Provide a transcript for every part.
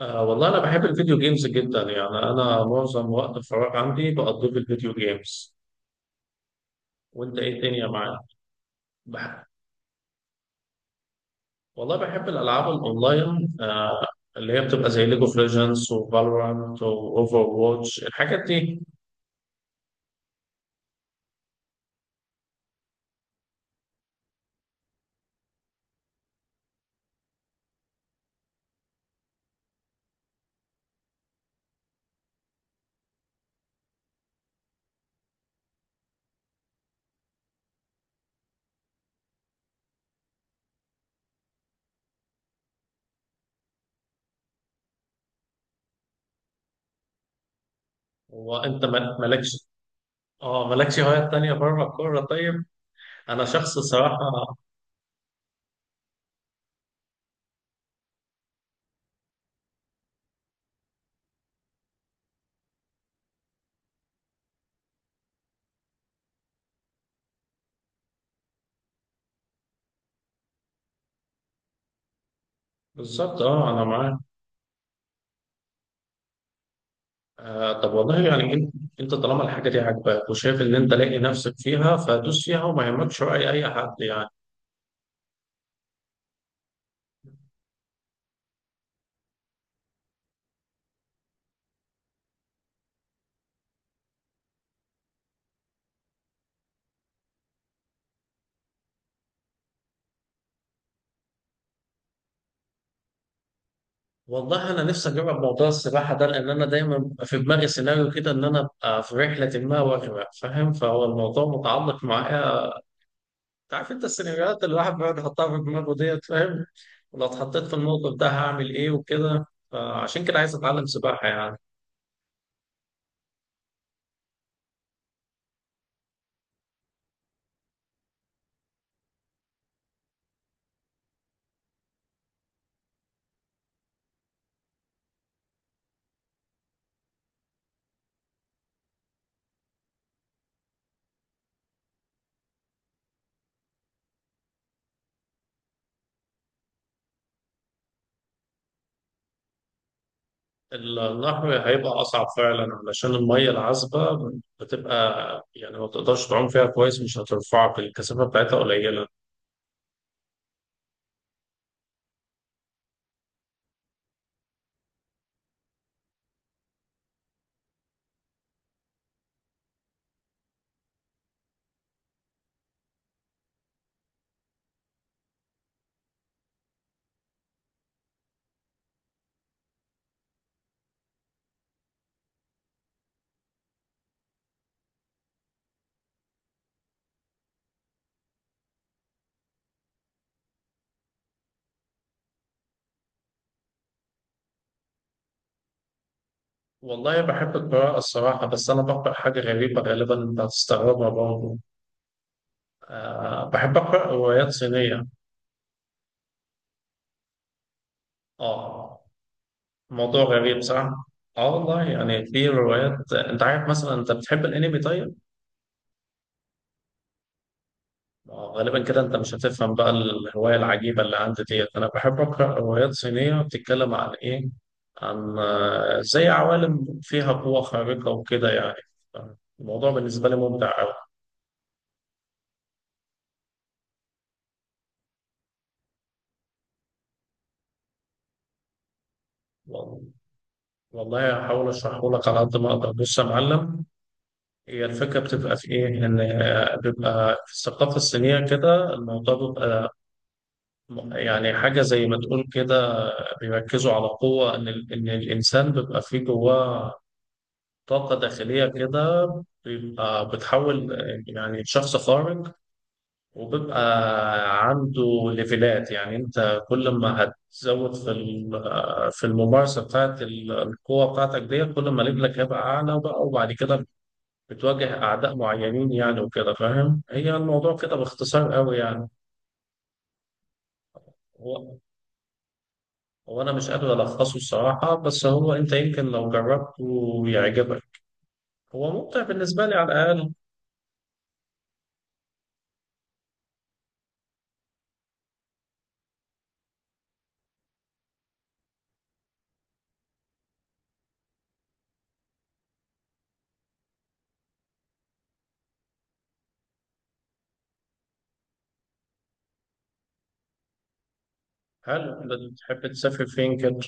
والله أنا بحب الفيديو جيمز جدا. يعني أنا معظم وقت الفراغ عندي بقضيه في الفيديو جيمز. وأنت إيه الدنيا معاك؟ بح... والله بحب الألعاب الأونلاين. اللي هي بتبقى زي ليج اوف ليجندز وفالورانت وأوفر واتش الحاجات دي. وأنت ما- مالكش، مالكش هوايات تانية بره الكورة طيب؟ أنا شخص الصراحة. بالظبط، آه، أنا معاك. آه، طب والله يعني أنت طالما الحاجة دي عاجباك وشايف إن أنت لاقي نفسك فيها فدوس فيها وما يهمكش رأي أي حد يعني. والله انا نفسي اجرب موضوع السباحه ده، لان انا دايما بيبقى في دماغي سيناريو كده ان انا ابقى في رحله ما واغرق، فاهم؟ فهو الموضوع متعلق معايا. أنت عارف انت السيناريوهات اللي الواحد بيقعد يحطها في دماغه ديت، فاهم؟ ولو اتحطيت في الموقف ده هعمل ايه وكده. فعشان كده عايز اتعلم سباحه يعني. النهر هيبقى اصعب فعلا علشان الميه العذبه بتبقى، يعني ما تقدرش تعوم فيها كويس، مش هترفعك، الكثافه بتاعتها قليله. والله بحب القراءة الصراحة، بس أنا بقرأ حاجة غريبة غالبا أنت هتستغربها برضه. أه، بحب أقرأ روايات صينية. أه. موضوع غريب صح؟ أه والله، يعني في روايات، أنت عارف مثلا أنت بتحب الأنمي طيب؟ غالبا كده أنت مش هتفهم بقى الهواية العجيبة اللي عندي ديت. أنا بحب أقرأ روايات صينية بتتكلم عن إيه؟ عن زي عوالم فيها قوة خارقة وكده يعني. الموضوع بالنسبة لي ممتع أوي. والله هحاول اشرحه لك على قد ما اقدر. بص يا معلم، هي الفكره بتبقى في ايه، ان بيبقى في الثقافه الصينيه كده الموضوع بيبقى يعني حاجه زي ما تقول كده. بيركزوا على قوه ان ان الانسان بيبقى فيه جواه طاقه داخليه كده، بيبقى بتحول يعني شخص خارق، وبيبقى عنده ليفلات. يعني انت كل ما هتزود في الممارسه القوه بتاعتك دي، كل ما ليفلك هيبقى اعلى بقى. وبعد كده بتواجه اعداء معينين يعني وكده، فاهم؟ هي الموضوع كده باختصار قوي يعني. هو هو انا مش قادر الخصه الصراحه، بس هو انت يمكن لو جربته يعجبك. هو ممتع بالنسبه لي على الاقل. هل بتحب تسافر فين كده؟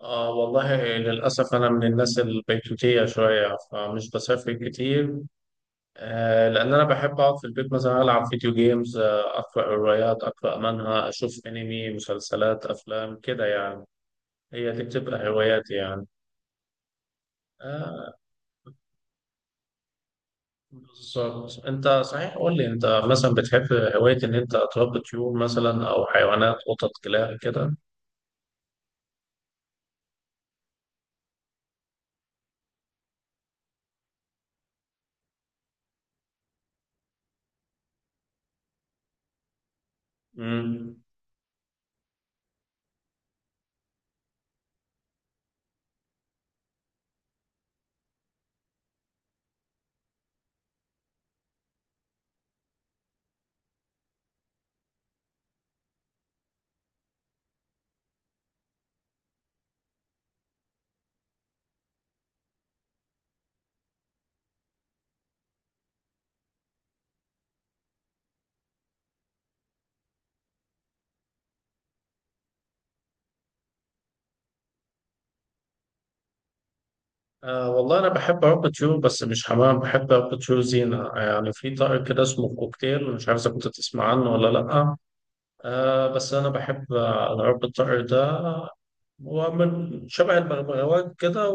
آه والله للأسف أنا من الناس البيتوتية شوية فمش بسافر كتير. آه، لأن أنا بحب أقعد في البيت مثلا ألعب فيديو جيمز، آه أقرأ روايات، أقرأ منها، أشوف أنمي، مسلسلات، أفلام كده يعني. هي دي بتبقى هواياتي يعني. آه، بالظبط. أنت صحيح، قول لي أنت مثلا بتحب هواية إن أنت تربي طيور مثلا، أو حيوانات، قطط، كلاب كده؟ مم. آه والله أنا بحب عقد يو، بس مش حمام، بحب عقد يو زينة. يعني في طارق كده اسمه كوكتيل، مش عارف إذا كنت تسمع عنه ولا لأ. آه، بس أنا بحب عقد الطارق ده. هو من شبه البغبغاوات كده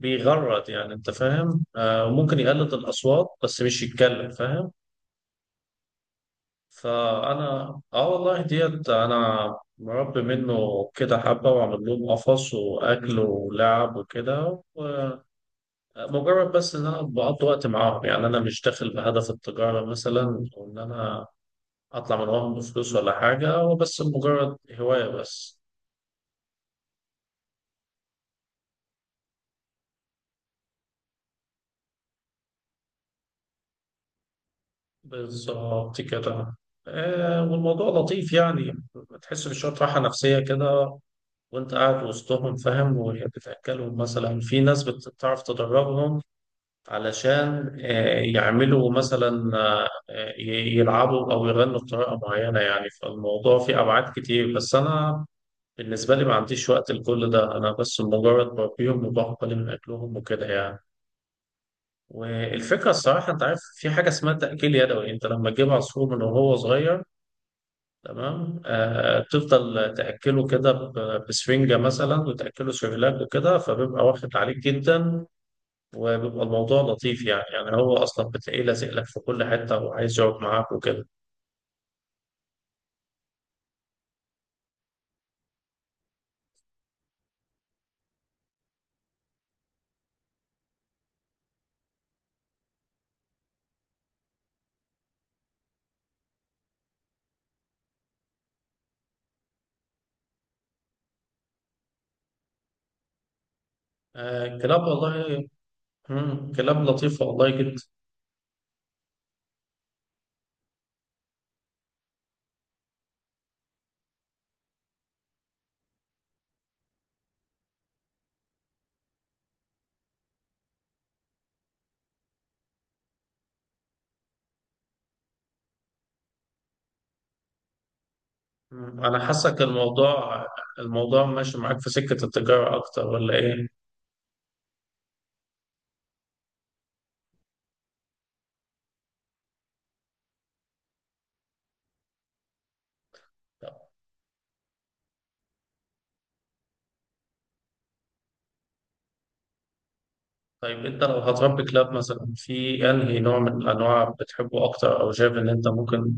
وبيغرد، يعني أنت فاهم، آه ممكن يقلد الأصوات بس مش يتكلم، فاهم؟ فأنا آه والله ديت أنا مربي منه كده حبة، وعامل لهم قفص وأكل ولعب وكده. مجرد بس ان انا بقضي وقت معاهم، يعني انا مش داخل بهدف التجاره مثلا، او ان انا اطلع من وراهم بفلوس ولا حاجه، هو بس مجرد هوايه بس. بالظبط كده. آه، والموضوع لطيف يعني، بتحس بشويه راحه نفسيه كده وانت قاعد وسطهم، فاهم؟ وهي بتاكلهم مثلا. في ناس بتعرف تدربهم علشان آه يعملوا مثلا، يلعبوا او يغنوا بطريقه معينه يعني. فالموضوع فيه ابعاد كتير، بس انا بالنسبة لي ما عنديش وقت لكل ده، أنا بس مجرد بربيهم وباخد بالي من أكلهم وكده يعني. والفكرة الصراحة أنت عارف في حاجة اسمها تأكيل يدوي، أنت لما تجيب عصفور من وهو صغير، تمام؟ آه، تفضل تأكله كده بسفنجة مثلا، وتأكله سيرلاك وكده، فبيبقى واخد عليك جدا، وبيبقى الموضوع لطيف يعني. يعني هو أصلا بتلاقيه لازق لك في كل حتة وعايز يقعد معاك وكده. آه كلاب، والله مم، كلاب لطيفة والله جدا. مم. أنا حاسك الموضوع، الموضوع ماشي معاك في سكة التجارة أكتر ولا إيه؟ طيب أنت لو هتربي كلاب مثلا، في أنهي نوع من الأنواع بتحبه أكتر، أو شايف إن أنت ممكن؟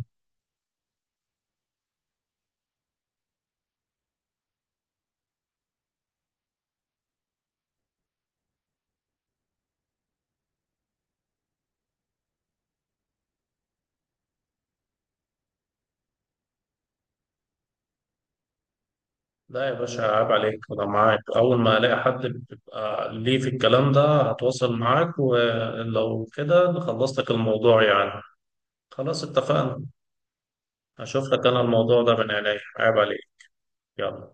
لا يا باشا عيب عليك، أنا معاك. أول ما ألاقي حد بيبقى ليه في الكلام ده هتواصل معاك، ولو كده خلصت لك الموضوع يعني. خلاص اتفقنا. هشوف لك أنا الموضوع ده من عينيا. عيب عليك. يلا.